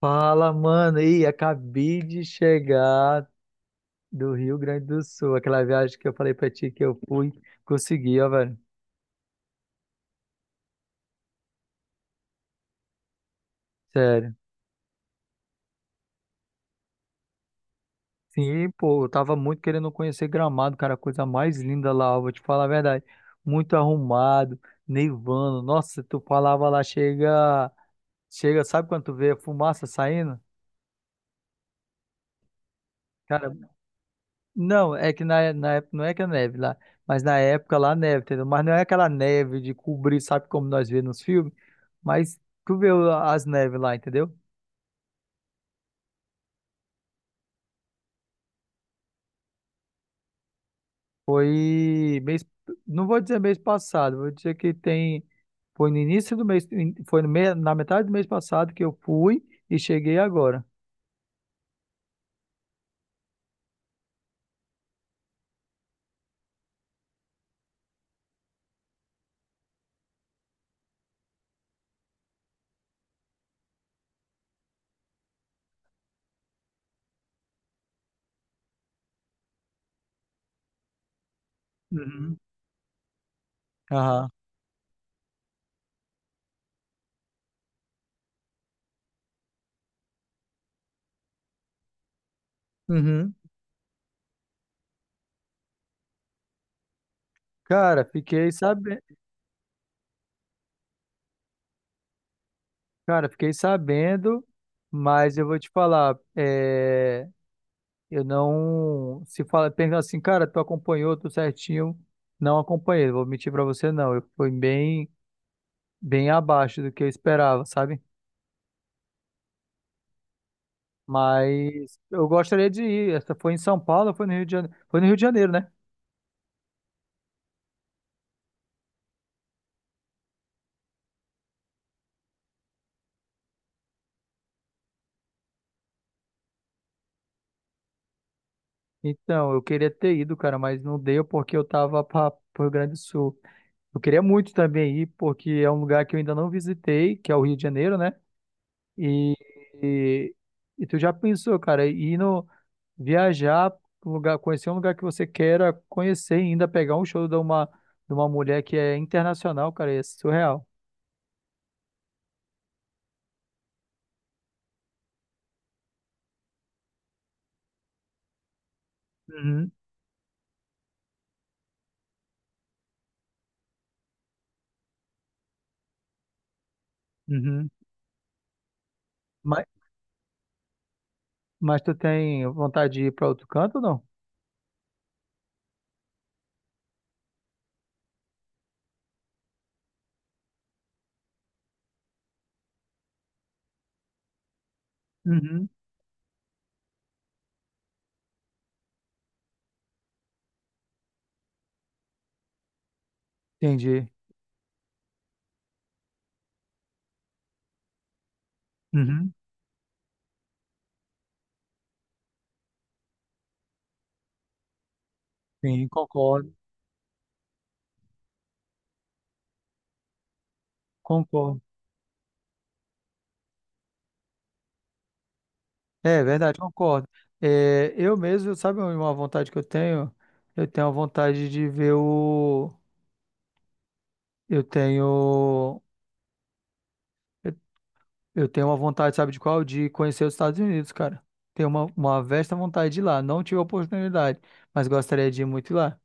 Fala, mano. Ih, acabei de chegar do Rio Grande do Sul. Aquela viagem que eu falei pra ti que eu fui, consegui, ó, velho. Sério. Sim, pô, eu tava muito querendo conhecer Gramado, cara. A coisa mais linda lá, eu vou te falar a verdade. Muito arrumado, nevando. Nossa, tu falava lá, chega. Chega, sabe quando tu vê a fumaça saindo? Cara, não, é que na época não é que é neve lá, mas na época lá neve, entendeu? Mas não é aquela neve de cobrir, sabe como nós vemos nos filmes? Mas tu vê as neves lá, entendeu? Foi mês, não vou dizer mês passado, vou dizer que tem, foi no início do mês, foi no na metade do mês passado que eu fui e cheguei agora. Uhum. Aham. Uhum. Cara, fiquei sabendo, cara, fiquei sabendo, mas eu vou te falar, eu não. Se fala, pergunta assim, cara, tu acompanhou tudo certinho? Não acompanhei, vou mentir pra você, não. Eu fui bem, bem abaixo do que eu esperava, sabe? Mas eu gostaria de ir. Essa foi em São Paulo, foi no Rio de Janeiro, foi no Rio de Janeiro, né? Então, eu queria ter ido, cara, mas não deu porque eu tava para o Rio Grande do Sul. Eu queria muito também ir, porque é um lugar que eu ainda não visitei, que é o Rio de Janeiro, né? E, e, e tu já pensou, cara, ir no, viajar, pra um lugar, conhecer um lugar que você queira conhecer e ainda pegar um show de uma mulher que é internacional, cara, é surreal. Uhum, uhum. Mas, mas tu tem vontade de ir para outro canto ou não? Uhum. Entendi. Uhum. Sim, concordo, concordo. É é verdade, concordo. É, eu mesmo, sabe uma vontade que eu tenho? Eu tenho a vontade de ver o. Eu tenho. Eu tenho uma vontade, sabe de qual? De conhecer os Estados Unidos, cara. Tenho uma vasta vontade de ir lá. Não tive a oportunidade, mas gostaria de ir muito lá.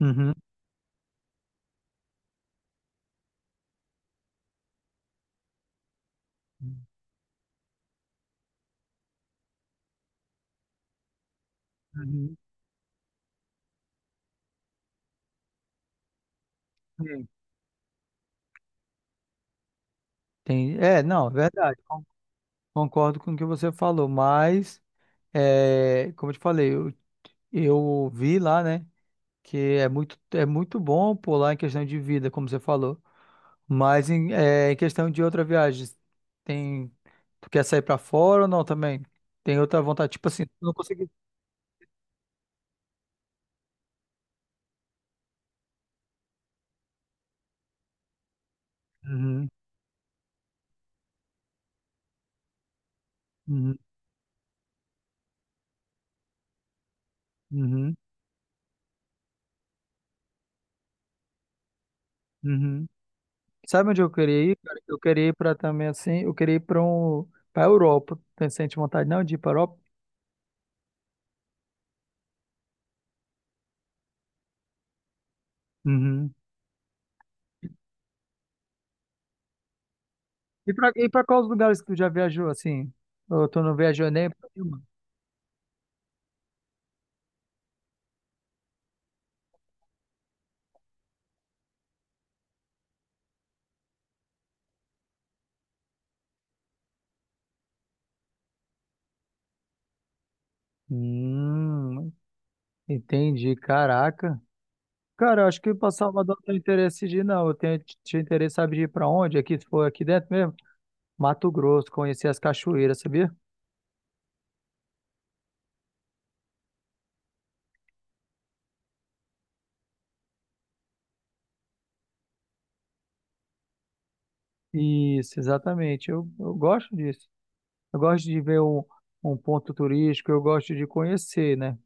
Uhum. Uhum. Sim. Tem, é, não, é verdade. Concordo com o que você falou, mas é, como eu te falei, eu vi lá, né, que é muito bom por lá em questão de vida, como você falou. Mas em, é, em questão de outra viagem, tem, tu quer sair pra fora ou não também? Tem outra vontade, tipo assim, tu não conseguiu. Uhum, uhum, uhum, uhum. Sabe onde eu queria ir, cara? Eu queria ir para também assim, eu queria ir para um, para Europa. Tem sente vontade não de ir para Europa? Uhum. E para quais lugares que tu já viajou assim? Ou tu não viajou nem para nenhuma? Hum, entendi, caraca. Cara, eu acho que para Salvador não tenho interesse de ir, não. Eu tenho, tinha interesse, sabe, de ir para onde? Aqui, se for aqui dentro mesmo? Mato Grosso, conhecer as cachoeiras, sabia? Isso, exatamente. Eu gosto disso. Eu gosto de ver um, um ponto turístico, eu gosto de conhecer, né?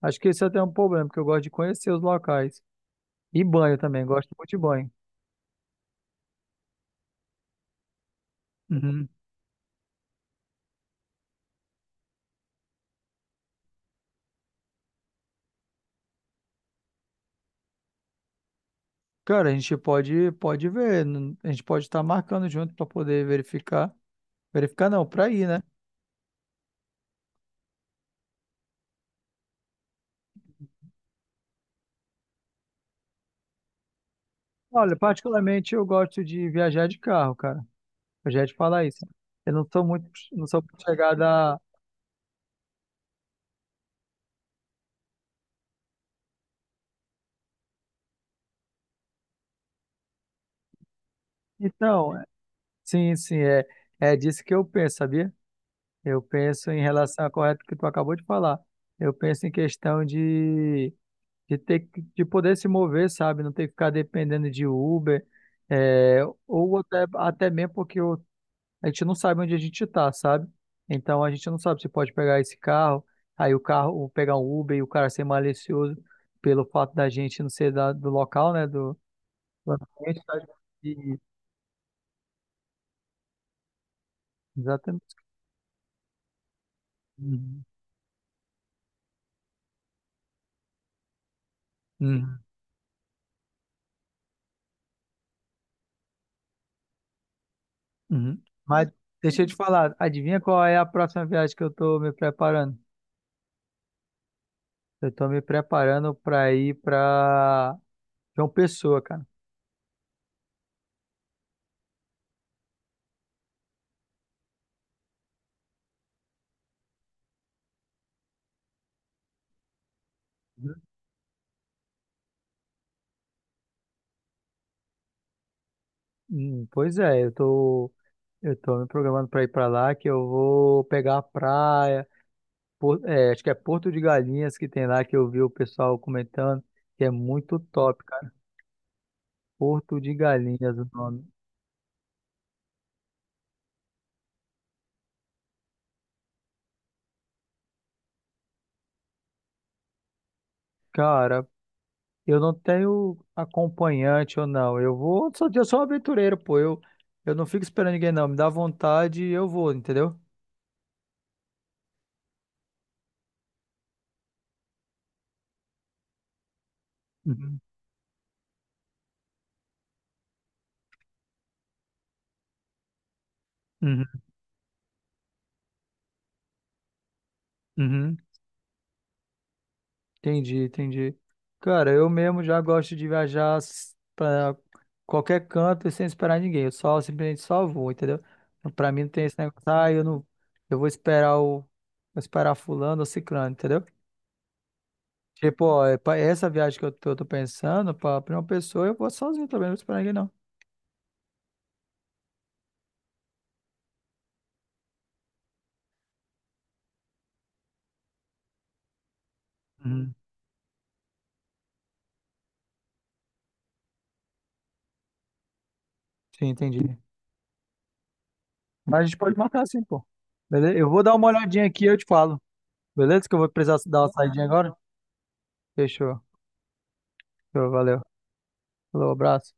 Acho que esse até é um problema, porque eu gosto de conhecer os locais. E banho também, gosto muito de banho. Uhum. Cara, a gente pode, pode ver, a gente pode estar marcando junto para poder verificar. Verificar não, para ir, né? Olha, particularmente eu gosto de viajar de carro, cara. Eu já ia te falar isso. Eu não sou muito, não sou muito chegada a... Então, é, sim, sim, é, é disso que eu penso, sabia? Eu penso em relação ao correto que tu acabou de falar. Eu penso em questão de ter, de poder se mover, sabe? Não ter que ficar dependendo de Uber, é, ou até, até mesmo porque a gente não sabe onde a gente está, sabe? Então a gente não sabe se pode pegar esse carro, aí o carro, ou pegar um Uber e o cara ser malicioso pelo fato da gente não ser do local, né? Do, do ambiente, sabe? E, exatamente. Uhum. Uhum. Uhum. Mas deixa eu te falar, adivinha qual é a próxima viagem que eu tô me preparando? Eu tô me preparando para ir para João Pessoa, cara. Uhum. Pois é, eu tô me programando para ir para lá que eu vou pegar a praia, é, acho que é Porto de Galinhas que tem lá que eu vi o pessoal comentando, que é muito top, cara. Porto de Galinhas o nome. Cara, eu não tenho acompanhante ou não. Eu vou, eu sou um aventureiro, pô. Eu não fico esperando ninguém, não. Me dá vontade e eu vou, entendeu? Uhum. Uhum. Uhum. Entendi, entendi. Cara, eu mesmo já gosto de viajar pra qualquer canto e sem esperar ninguém. Eu só simplesmente só vou, entendeu? Então, pra mim não tem esse negócio, ah, eu não, eu vou esperar o, vou esperar fulano ou ciclano, entendeu? Tipo, ó, é essa viagem que eu tô pensando, pra uma pessoa, eu vou sozinho também, não vou esperar ninguém, não. Sim, entendi. Mas a gente pode marcar assim, pô. Beleza? Eu vou dar uma olhadinha aqui e eu te falo. Beleza? Que eu vou precisar dar uma saidinha agora. Fechou. Fechou, valeu. Falou, abraço.